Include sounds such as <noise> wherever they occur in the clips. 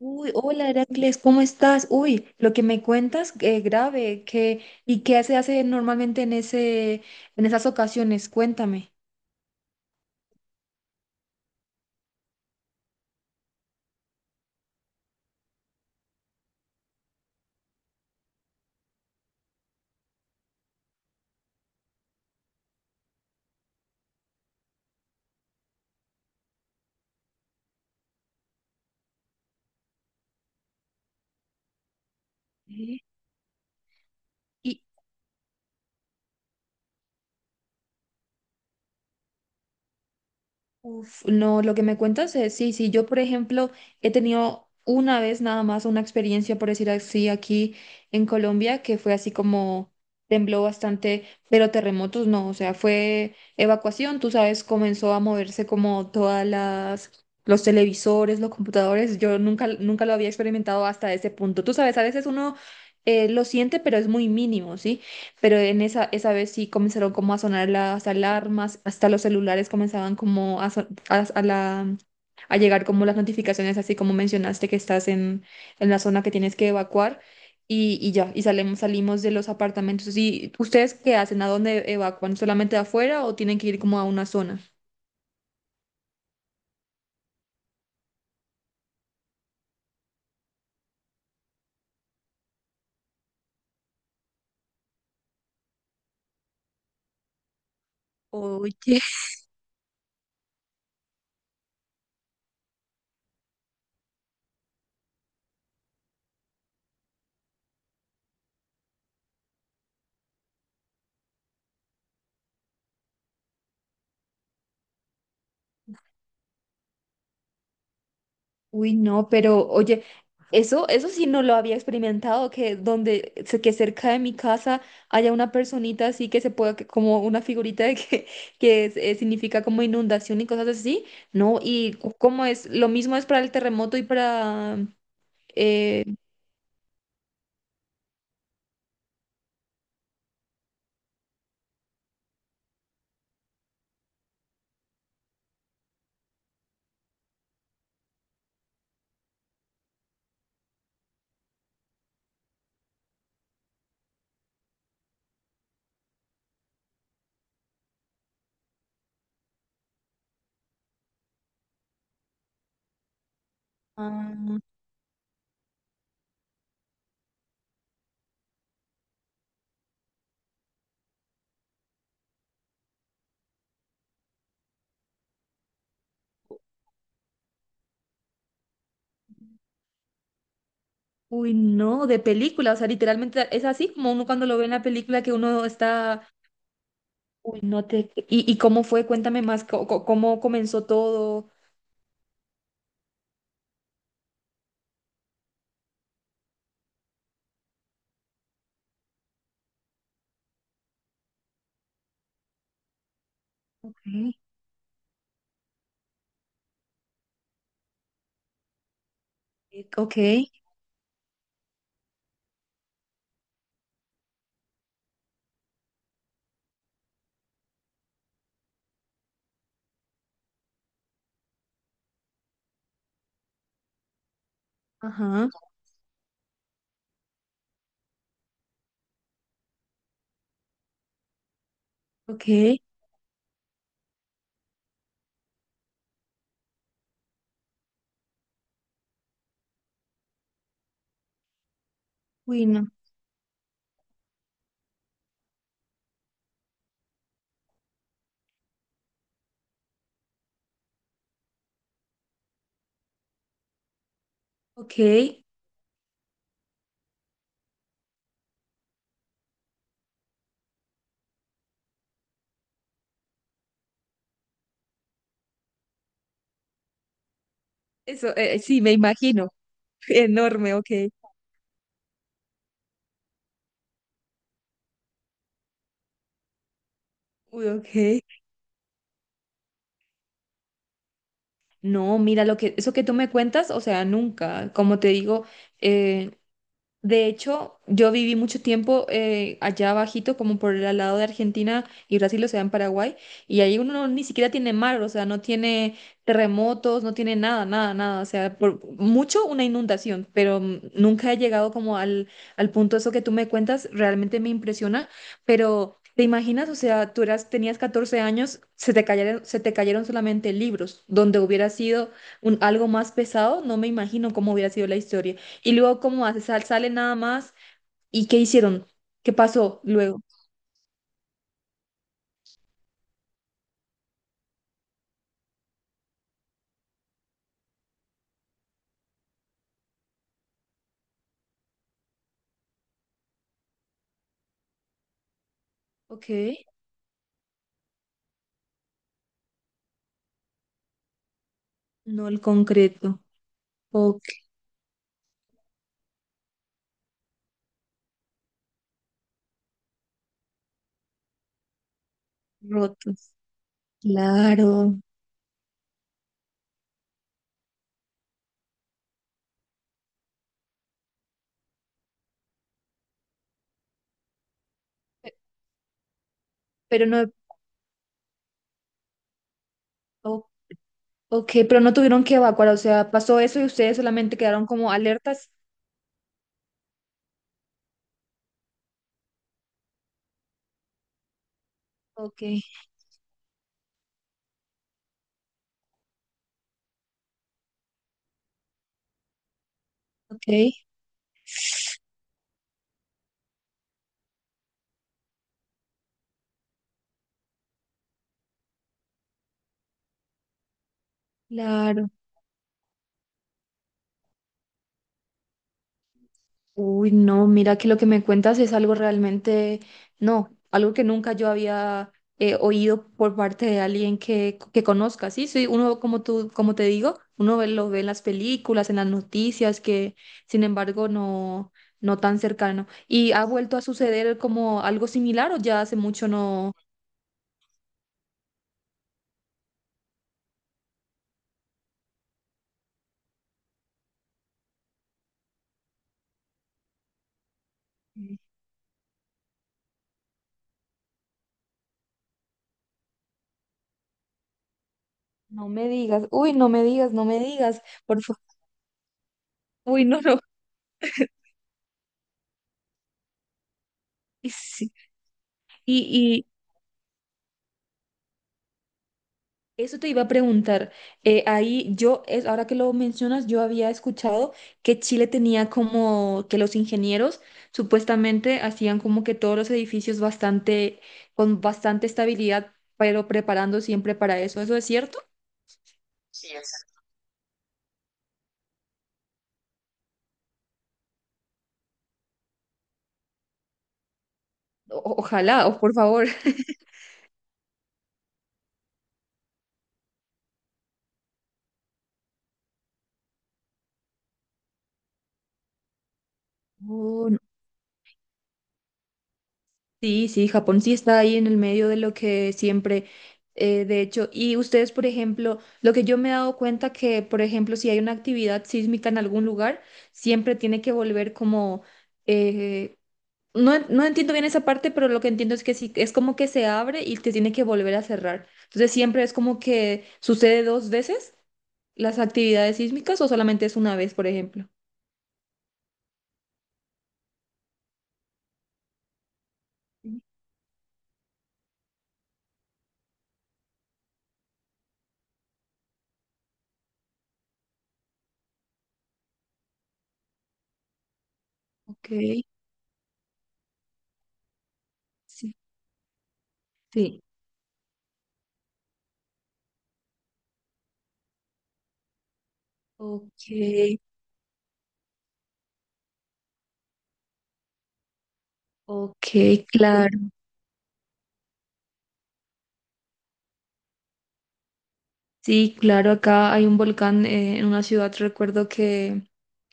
Uy, hola Heracles, ¿cómo estás? Uy, lo que me cuentas, grave, ¿y qué se hace normalmente en esas ocasiones? Cuéntame. ¿Eh? Y, Uf, no, lo que me cuentas es, sí, sí, yo por ejemplo he tenido una vez nada más una experiencia, por decir así, aquí en Colombia, que fue así como tembló bastante, pero terremotos no, o sea, fue evacuación, tú sabes, comenzó a moverse como los televisores, los computadores, yo nunca, nunca lo había experimentado hasta ese punto, tú sabes, a veces uno lo siente, pero es muy mínimo, ¿sí? Pero en esa vez sí comenzaron como a sonar las alarmas, hasta los celulares comenzaban como a a llegar como las notificaciones, así como mencionaste que estás en, la zona que tienes que evacuar y ya, y salimos de los apartamentos. ¿Y ustedes qué hacen? ¿A dónde evacúan? ¿Solamente afuera o tienen que ir como a una zona? Oye, uy, no, pero oye, eso sí no lo había experimentado, que cerca de mi casa haya una personita así que se pueda, como una figurita <laughs> significa como inundación y cosas así, ¿no? Y lo mismo es para el terremoto y para. eh, ah, Uy, no, de película, o sea, literalmente es así como uno cuando lo ve en la película que uno está. Uy, no te, y cómo fue, cuéntame más, cómo comenzó todo. Ok. Ok. Ajá. Ok, uy, no. Ok, eso, sí, me imagino. <laughs> Enorme, ok. Uy, ok. No, mira, eso que tú me cuentas, o sea, nunca, como te digo. Eh, De hecho, yo viví mucho tiempo allá abajito, como por el al lado de Argentina y Brasil, o sea, en Paraguay, y ahí uno ni siquiera tiene mar, o sea, no tiene terremotos, no tiene nada, nada, nada, o sea, por mucho una inundación, pero nunca he llegado como al punto eso que tú me cuentas, realmente me impresiona, pero ¿te imaginas? O sea, tenías 14 años, se te cayeron solamente libros, donde hubiera sido algo más pesado, no me imagino cómo hubiera sido la historia. Y luego, ¿cómo hace? Sale nada más. ¿Y qué hicieron? ¿Qué pasó luego? Ok, no el concreto. Ok, rotos. Claro. Pe- Pero no, o- ok, pero no tuvieron que evacuar, o sea, pasó eso y ustedes solamente quedaron como alertas. Ok, ok, claro. Uy, no, mira que lo que me cuentas es algo realmente, no, algo que nunca yo había oído por parte de alguien que conozca, ¿sí? Sí, uno, como tú, como te digo, uno lo ve en las películas, en las noticias, que sin embargo no tan cercano. ¿Y ha vuelto a suceder como algo similar o ya hace mucho no? No me digas, uy, no me digas, no me digas, por favor, uy, no, no. <laughs> Sí, sí, eso te iba a preguntar. Ahora que lo mencionas, yo había escuchado que Chile tenía como que los ingenieros supuestamente hacían como que todos los edificios con bastante estabilidad, pero preparando siempre para eso. ¿Eso es cierto? Ojalá, o por favor. <laughs> Oh, sí, sí, Japón sí está ahí en el medio de lo que siempre, de hecho, y ustedes, por ejemplo, lo que yo me he dado cuenta que, por ejemplo, si hay una actividad sísmica en algún lugar, siempre tiene que volver como, eh, no, no entiendo bien esa parte, pero lo que entiendo es que sí, es como que se abre y te tiene que volver a cerrar. Entonces siempre es como que sucede dos veces las actividades sísmicas o solamente es una vez, por ejemplo. Ok, sí, sí. Ok, ok, claro. Sí, claro, acá hay un volcán, en una ciudad, recuerdo que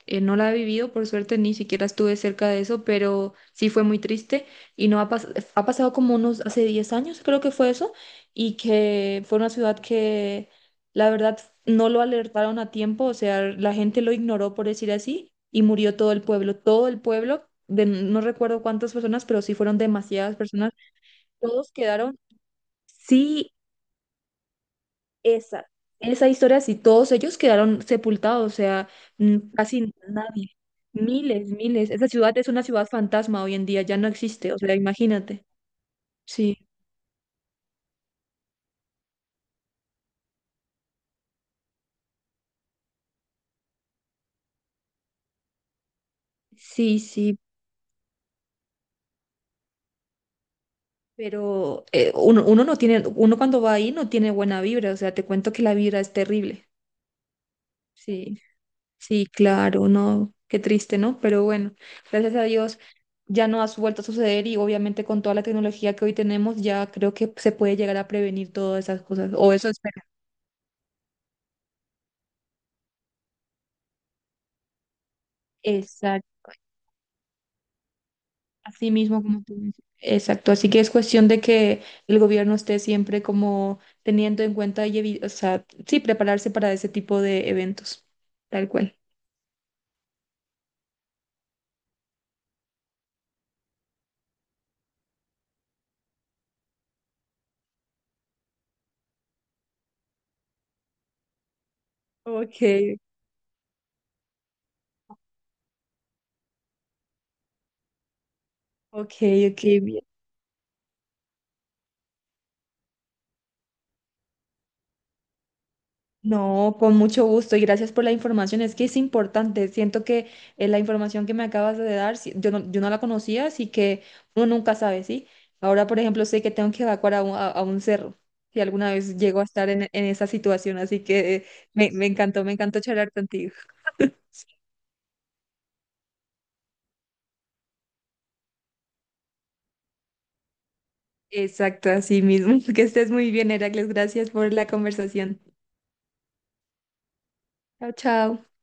no la he vivido, por suerte ni siquiera estuve cerca de eso, pero sí fue muy triste y no ha, ha pasado como unos, hace 10 años creo que fue eso, y que fue una ciudad que la verdad no lo alertaron a tiempo, o sea, la gente lo ignoró por decir así y murió todo el pueblo, no recuerdo cuántas personas, pero sí fueron demasiadas personas, todos quedaron, sí, esa, esa historia, si todos ellos quedaron sepultados, o sea, casi nadie, miles, miles. Esa ciudad es una ciudad fantasma hoy en día, ya no existe, o sea, imagínate. Sí, sí, sí, pero uno no tiene, uno cuando va ahí no tiene buena vibra, o sea, te cuento que la vibra es terrible. Sí, sí, claro, no, qué triste, ¿no? Pero bueno, gracias a Dios ya no ha vuelto a suceder y obviamente con toda la tecnología que hoy tenemos ya creo que se puede llegar a prevenir todas esas cosas, o eso es. Exacto, así mismo como tú dices. Exacto, así que es cuestión de que el gobierno esté siempre como teniendo en cuenta o sea, sí, prepararse para ese tipo de eventos, tal cual. Ok, ok, ok, bien. No, con mucho gusto y gracias por la información. Es que es importante. Siento que la información que me acabas de dar, sí, yo no la conocía, así que uno nunca sabe, ¿sí? Ahora, por ejemplo, sé que tengo que evacuar a un cerro, si alguna vez llego a estar en, esa situación, así que me encantó, me encantó charlar contigo. Exacto, así mismo. <laughs> Que estés muy bien, Heracles. Gracias por la conversación. Chao, chao.